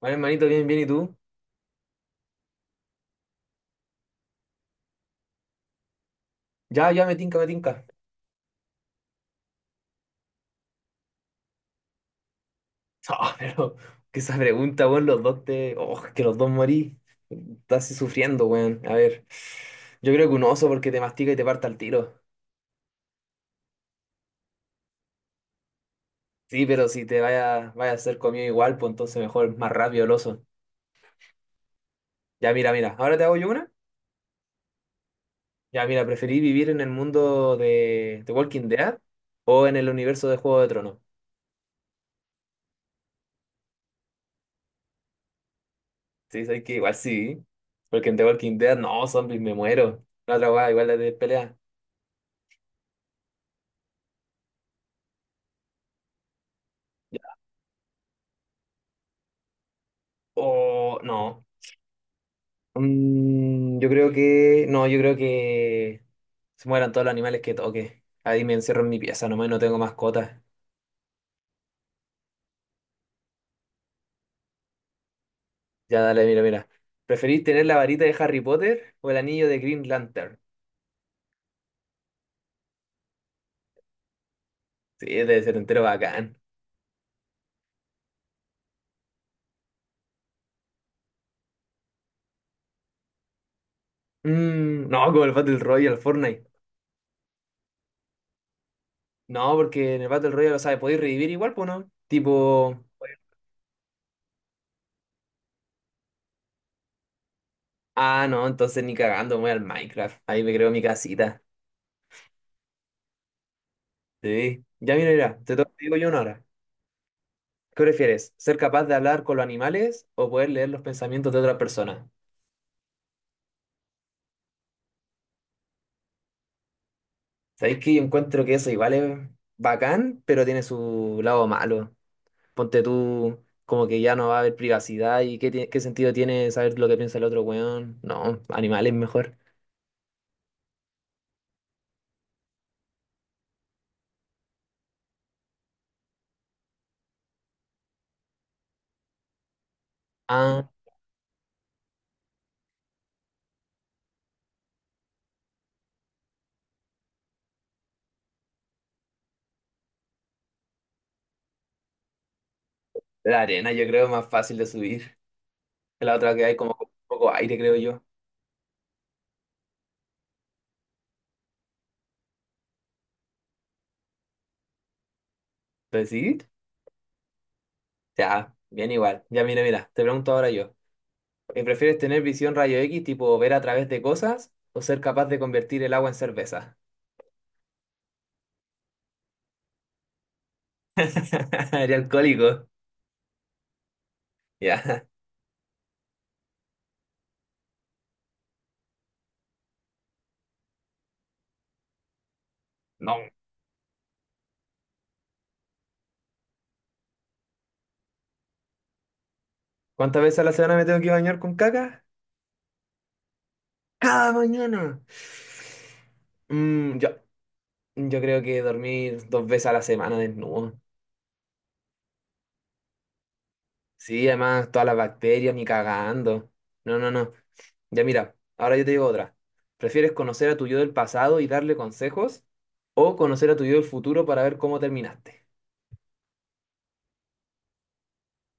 Bueno, hermanito, bien, bien, ¿y tú? Ya, ya, me tinca, me tinca. Ah, pero que esa pregunta, weón, los dos te. Oh, que los dos morí. Estás así sufriendo, weón. A ver, yo creo que un oso porque te mastica y te parta al tiro. Sí, pero si te vaya a ser comido igual, pues entonces mejor, más rápido el oso. Ya, mira, mira, ahora te hago yo una. Ya, mira, ¿preferí vivir en el mundo de Walking Dead o en el universo de Juego de Tronos? Sí, sabes que igual sí, porque en The Walking Dead, no, zombies, me muero. La otra weá, igual la de pelea. O no. Mm, yo creo que. No, yo creo que se mueran todos los animales que toque. Ahí me encierro en mi pieza nomás y no tengo mascotas. Ya dale, mira, mira. ¿Preferís tener la varita de Harry Potter o el anillo de Green Lantern? Sí, debe ser entero bacán. No, como el Battle Royale, Fortnite. No, porque en el Battle Royale, lo sabes, podéis revivir igual, pues no. Tipo. Ah, no, entonces ni cagando, me voy al Minecraft. Ahí me creo mi casita. Sí. Ya mira, mira, te toca, te digo yo una hora. ¿Qué prefieres? ¿Ser capaz de hablar con los animales o poder leer los pensamientos de otra persona? Sabéis que yo encuentro que eso igual es bacán, pero tiene su lado malo. Ponte tú como que ya no va a haber privacidad y qué sentido tiene saber lo que piensa el otro weón. No, animales mejor. Ah, la arena yo creo es más fácil de subir. La otra que hay como con poco aire, creo yo. ¿Pero sí? Ya, bien igual. Ya mira, mira, te pregunto ahora yo. ¿Y prefieres tener visión rayo X, tipo ver a través de cosas, o ser capaz de convertir el agua en cerveza? Eres alcohólico. Ya. No. ¿Cuántas veces a la semana me tengo que bañar con caca? Cada mañana. Mm, yo, yo creo que dormir 2 veces a la semana desnudo. Sí, además, todas las bacterias ni cagando. No, no, no. Ya mira, ahora yo te digo otra. ¿Prefieres conocer a tu yo del pasado y darle consejos? ¿O conocer a tu yo del futuro para ver cómo terminaste?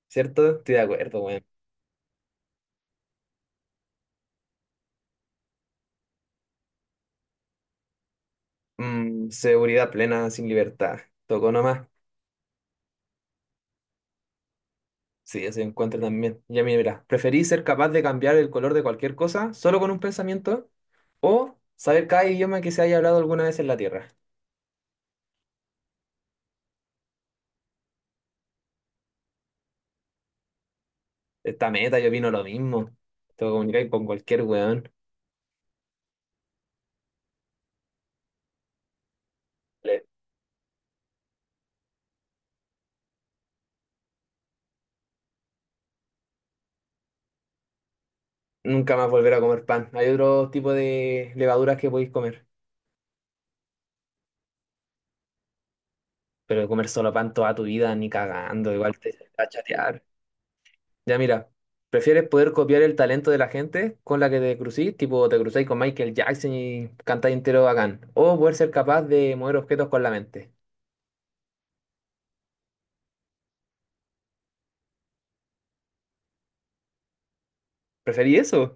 ¿Cierto? Estoy de acuerdo, weón. Seguridad plena sin libertad. Tocó nomás. Sí, eso encuentro también. Ya mira, mira. ¿Preferís ser capaz de cambiar el color de cualquier cosa solo con un pensamiento? ¿O saber cada idioma que se haya hablado alguna vez en la Tierra? Esta meta, yo opino lo mismo. Te comunicar con cualquier weón. Le- Nunca más volver a comer pan. Hay otro tipo de levaduras que podéis comer. Pero comer solo pan toda tu vida, ni cagando, igual te va a chatear. Ya mira, ¿prefieres poder copiar el talento de la gente con la que te crucís, tipo te cruzáis con Michael Jackson y cantáis entero bacán? ¿O poder ser capaz de mover objetos con la mente? ¿Preferí eso?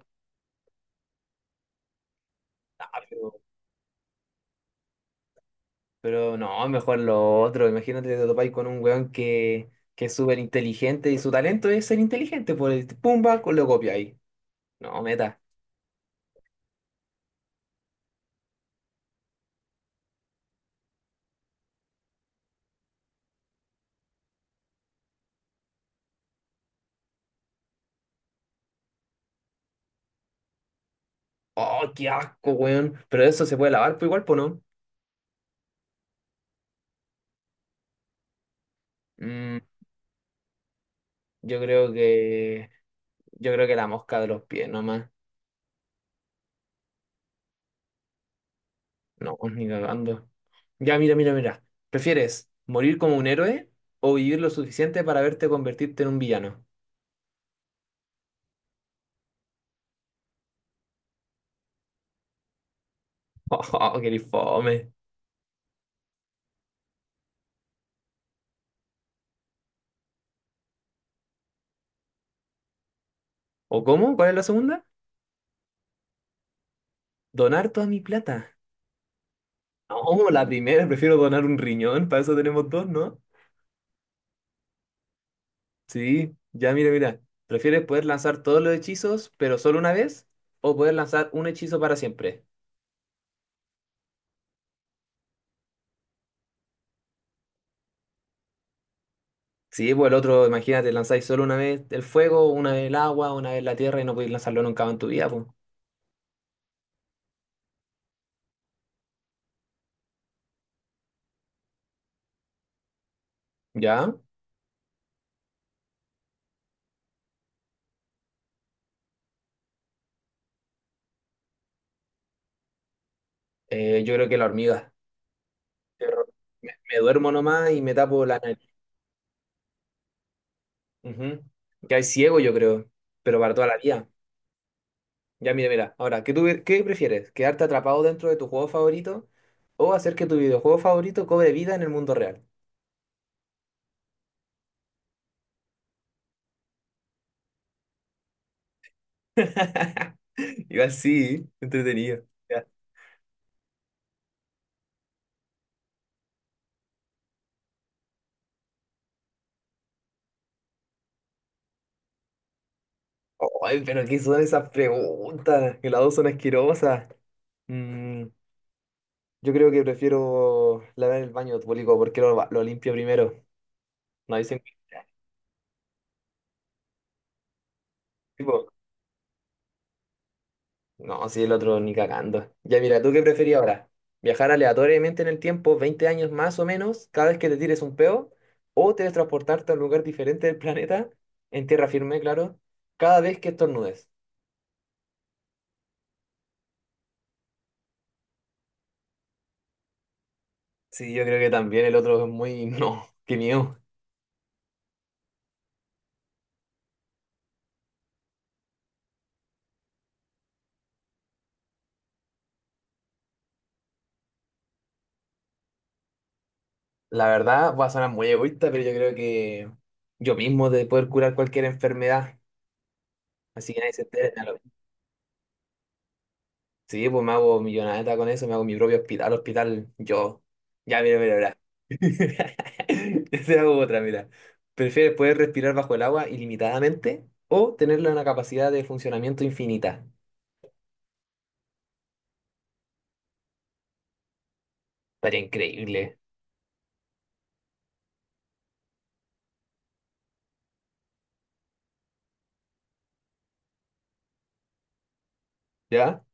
Ah, pero no, mejor lo otro. Imagínate que te topáis con un weón que es súper inteligente y su talento es ser inteligente, por el pumba, con lo copiáis. No, meta. Oh, qué asco, weón. Pero eso se puede lavar, pues igual, pues no. Mm, yo creo que, yo creo que la mosca de los pies, nomás. No, ni cagando. Ya, mira, mira, mira. ¿Prefieres morir como un héroe o vivir lo suficiente para verte convertirte en un villano? Oh, qué fome. ¿O cómo? ¿Cuál es la segunda? Donar toda mi plata. No, la primera, prefiero donar un riñón, para eso tenemos dos, ¿no? Sí, ya, mira, mira. ¿Prefieres poder lanzar todos los hechizos, pero solo una vez? ¿O poder lanzar un hechizo para siempre? Sí, pues el otro, imagínate, lanzáis solo una vez el fuego, una vez el agua, una vez la tierra y no podéis lanzarlo nunca más en tu vida, pues. ¿Ya? Yo creo que la hormiga. Cierro- me duermo nomás y me tapo la nariz. Ujú. Que hay ciego, yo creo, pero para toda la vida. Ya, mira, mira. Ahora, ¿tú, qué prefieres? ¿Quedarte atrapado dentro de tu juego favorito o hacer que tu videojuego favorito cobre vida en el mundo real? Igual sí, entretenido. Ya. Ay, pero ¿qué son esas preguntas? Que las dos son asquerosas. Mm, yo creo que prefiero lavar el baño público porque lo limpio primero. No hay tipo. No, sí, el otro ni cagando. Ya mira, ¿tú qué preferís ahora? ¿Viajar aleatoriamente en el tiempo, 20 años más o menos, cada vez que te tires un peo? ¿O teletransportarte a un lugar diferente del planeta, en tierra firme, claro, cada vez que estornudes? Sí, yo creo que también el otro es muy. No, qué miedo. La verdad, va a sonar muy egoísta, pero yo creo que yo mismo de poder curar cualquier enfermedad, así que nadie se entere. Sí, pues me hago millonada con eso, me hago mi propio hospital, hospital yo. Ya, mira, mira, mira. Yo te hago otra, mira. ¿Prefieres poder respirar bajo el agua ilimitadamente o tenerla una capacidad de funcionamiento infinita? Estaría increíble, ¿ya?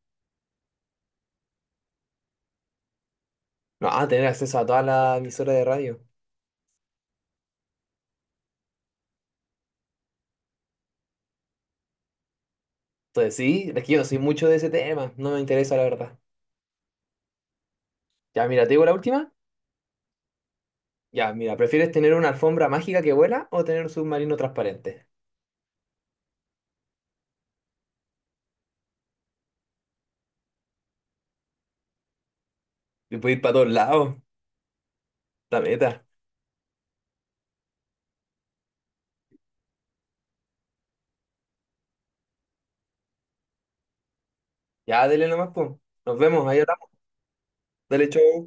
No, tener acceso a toda la emisora de radio. Entonces, sí, es que yo no soy mucho de ese tema, no me interesa la verdad. Ya, mira, te digo la última. Ya, mira, ¿prefieres tener una alfombra mágica que vuela o tener un submarino transparente? Y puedes ir para todos lados, la meta. Ya, dele nomás, pues. Nos vemos, ahí hablamos. Dale, chau.